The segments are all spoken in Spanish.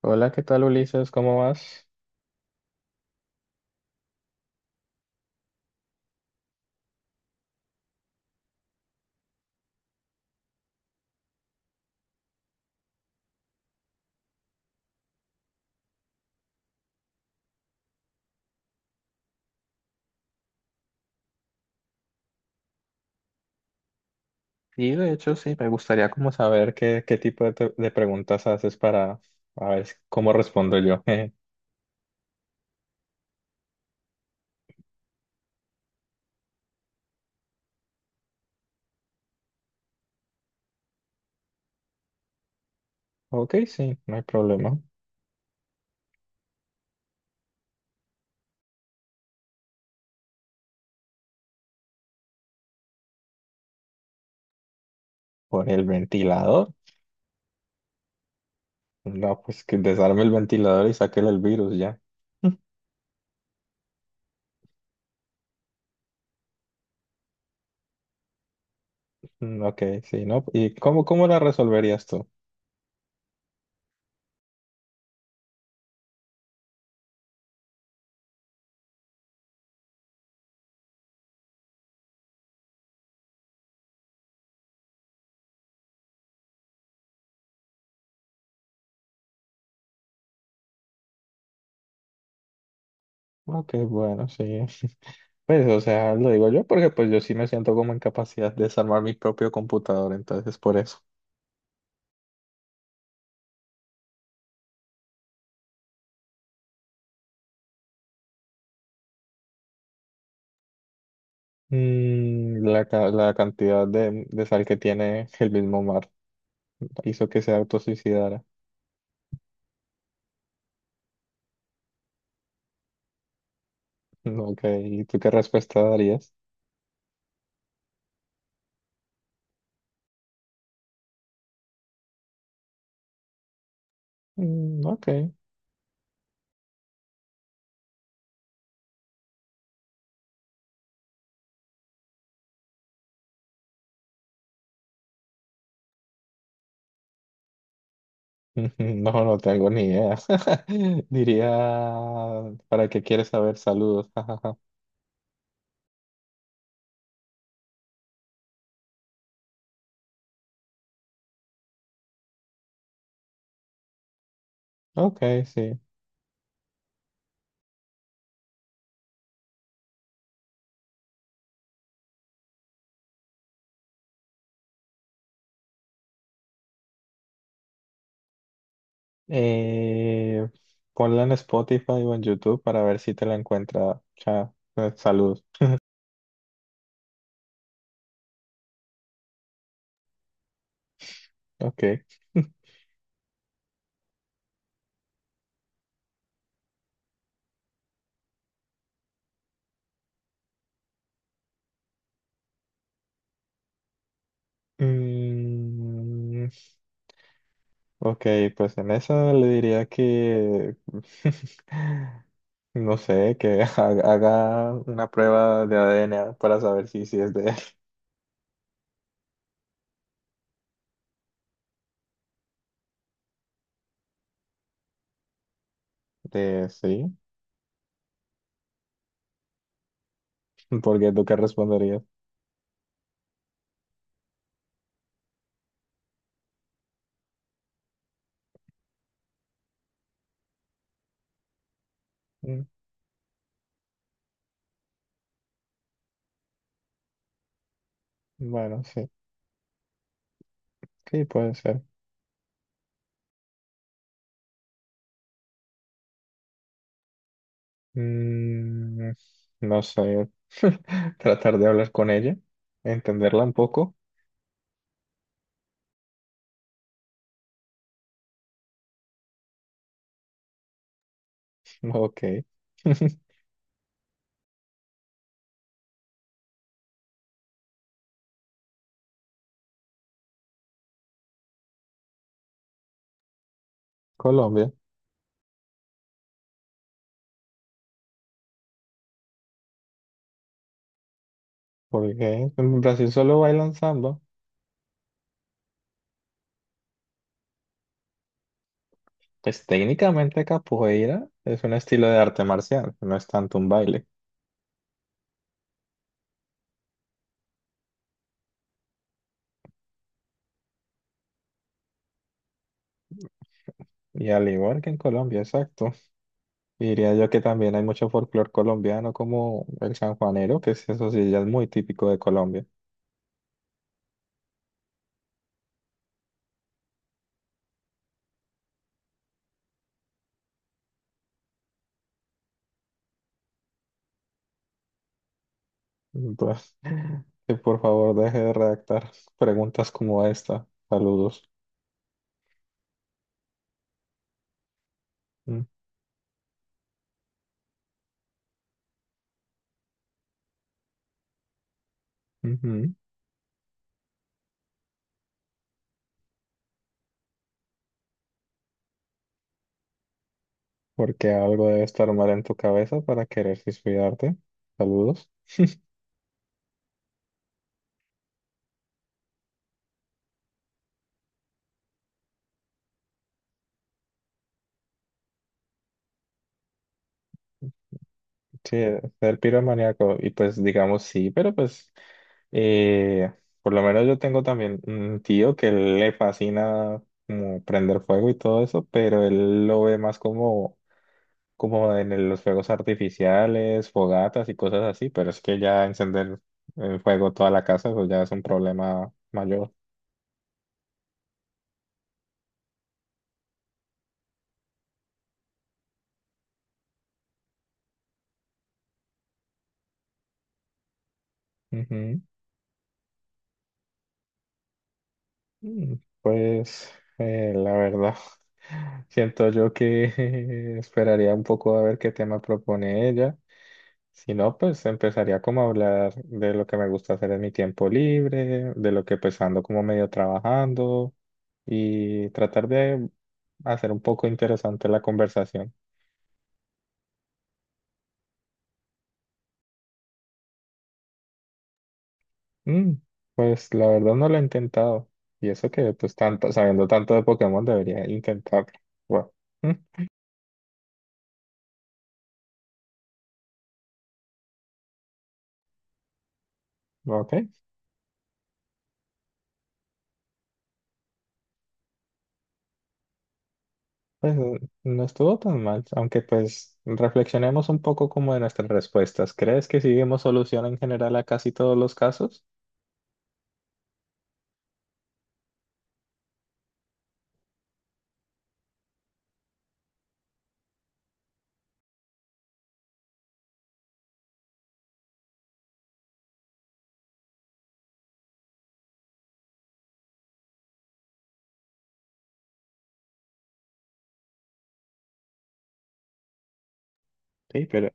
Hola, ¿qué tal Ulises? ¿Cómo vas? Y de hecho sí, me gustaría como saber qué tipo de, de preguntas haces para a ver cómo respondo yo. Ok, sí, no hay problema. ¿Por el ventilador? No, pues que desarme el ventilador y sáquele el virus ya. Mm, ok, sí, ¿no? ¿Y cómo la resolverías tú? Ok, bueno, sí. Pues, o sea, lo digo yo porque pues yo sí me siento como en capacidad de desarmar mi propio computador, entonces por eso. Mm, la, la cantidad de sal que tiene el mismo mar hizo que se autosuicidara. Mm, ok, ¿y tú qué respuesta darías? Mm, ok, no tengo ni idea. Diría, ¿para qué quieres saber? Saludos. jajaja. Ok, sí. Eh, ponla en Spotify o en YouTube para ver si te la encuentra. Saludos. Ok. Mm, ok, pues en eso le diría que, no sé, que haga una prueba de ADN para saber si es de él. De sí, porque tú qué responderías. Mm, bueno, sí, sí puede ser. Mm, no sé, tratar de hablar con ella, entenderla un poco. Ok. Colombia, porque en Brasil solo bailan samba. Pues técnicamente capoeira es un estilo de arte marcial, no es tanto un baile. Y al igual que en Colombia, exacto. Diría yo que también hay mucho folclore colombiano como el sanjuanero, eso sí ya es muy típico de Colombia. Pues, que por favor deje de redactar preguntas como esta. Saludos. Mm, ujú. Porque algo debe estar mal en tu cabeza para querer suicidarte. Saludos. Sí, el piromaníaco, y pues digamos sí, pero pues eh, por lo menos yo tengo también un tío que le fascina como prender fuego y todo eso, pero él lo ve más como, como en los fuegos artificiales, fogatas y cosas así, pero es que ya encender en fuego toda la casa, eso ya es un problema mayor. Ujú. Mm, pues la verdad, siento yo que esperaría un poco a ver qué tema propone ella. Si no, pues empezaría como a hablar de lo que me gusta hacer en mi tiempo libre, de lo que pues ando como medio trabajando y tratar de hacer un poco interesante la conversación. Mm, pues la verdad no lo he intentado y eso que pues tanto, sabiendo tanto de Pokémon debería intentarlo. Bueno, mm, ok, pues no estuvo tan mal, aunque pues reflexionemos un poco como de nuestras respuestas. ¿Crees que sí vemos solución en general a casi todos los casos? Sí, pero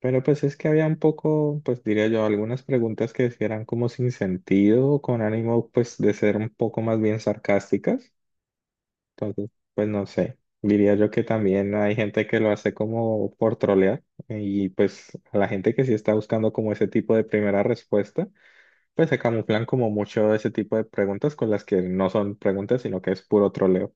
Pero pues es que había un poco, pues diría yo, algunas preguntas que sí eran como sin sentido, con ánimo pues de ser un poco más bien sarcásticas. Entonces, pues no sé, diría yo que también hay gente que lo hace como por trolear y pues a la gente que sí está buscando como ese tipo de primera respuesta, pues se camuflan como mucho ese tipo de preguntas con las que no son preguntas, sino que es puro troleo.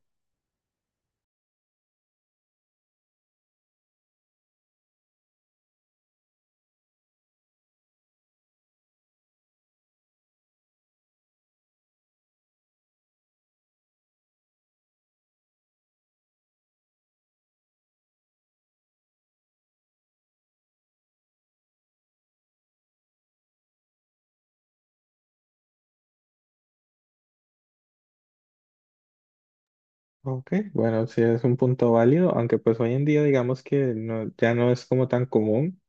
Ok, bueno, sí es un punto válido, aunque pues hoy en día digamos que no, ya no es como tan común.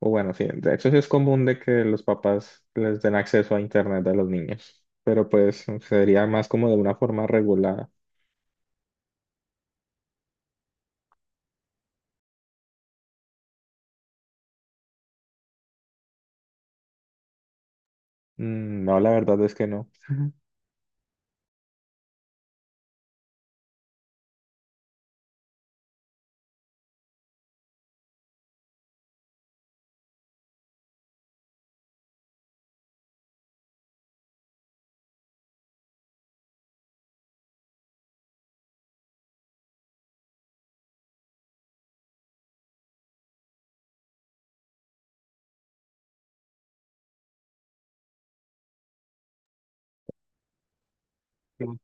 O bueno, sí, de hecho sí es común de que los papás les den acceso a internet a los niños, pero pues sería más como de una forma regulada. Mm, no, la verdad es que no. Ok.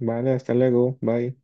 Vale, hasta luego, bye.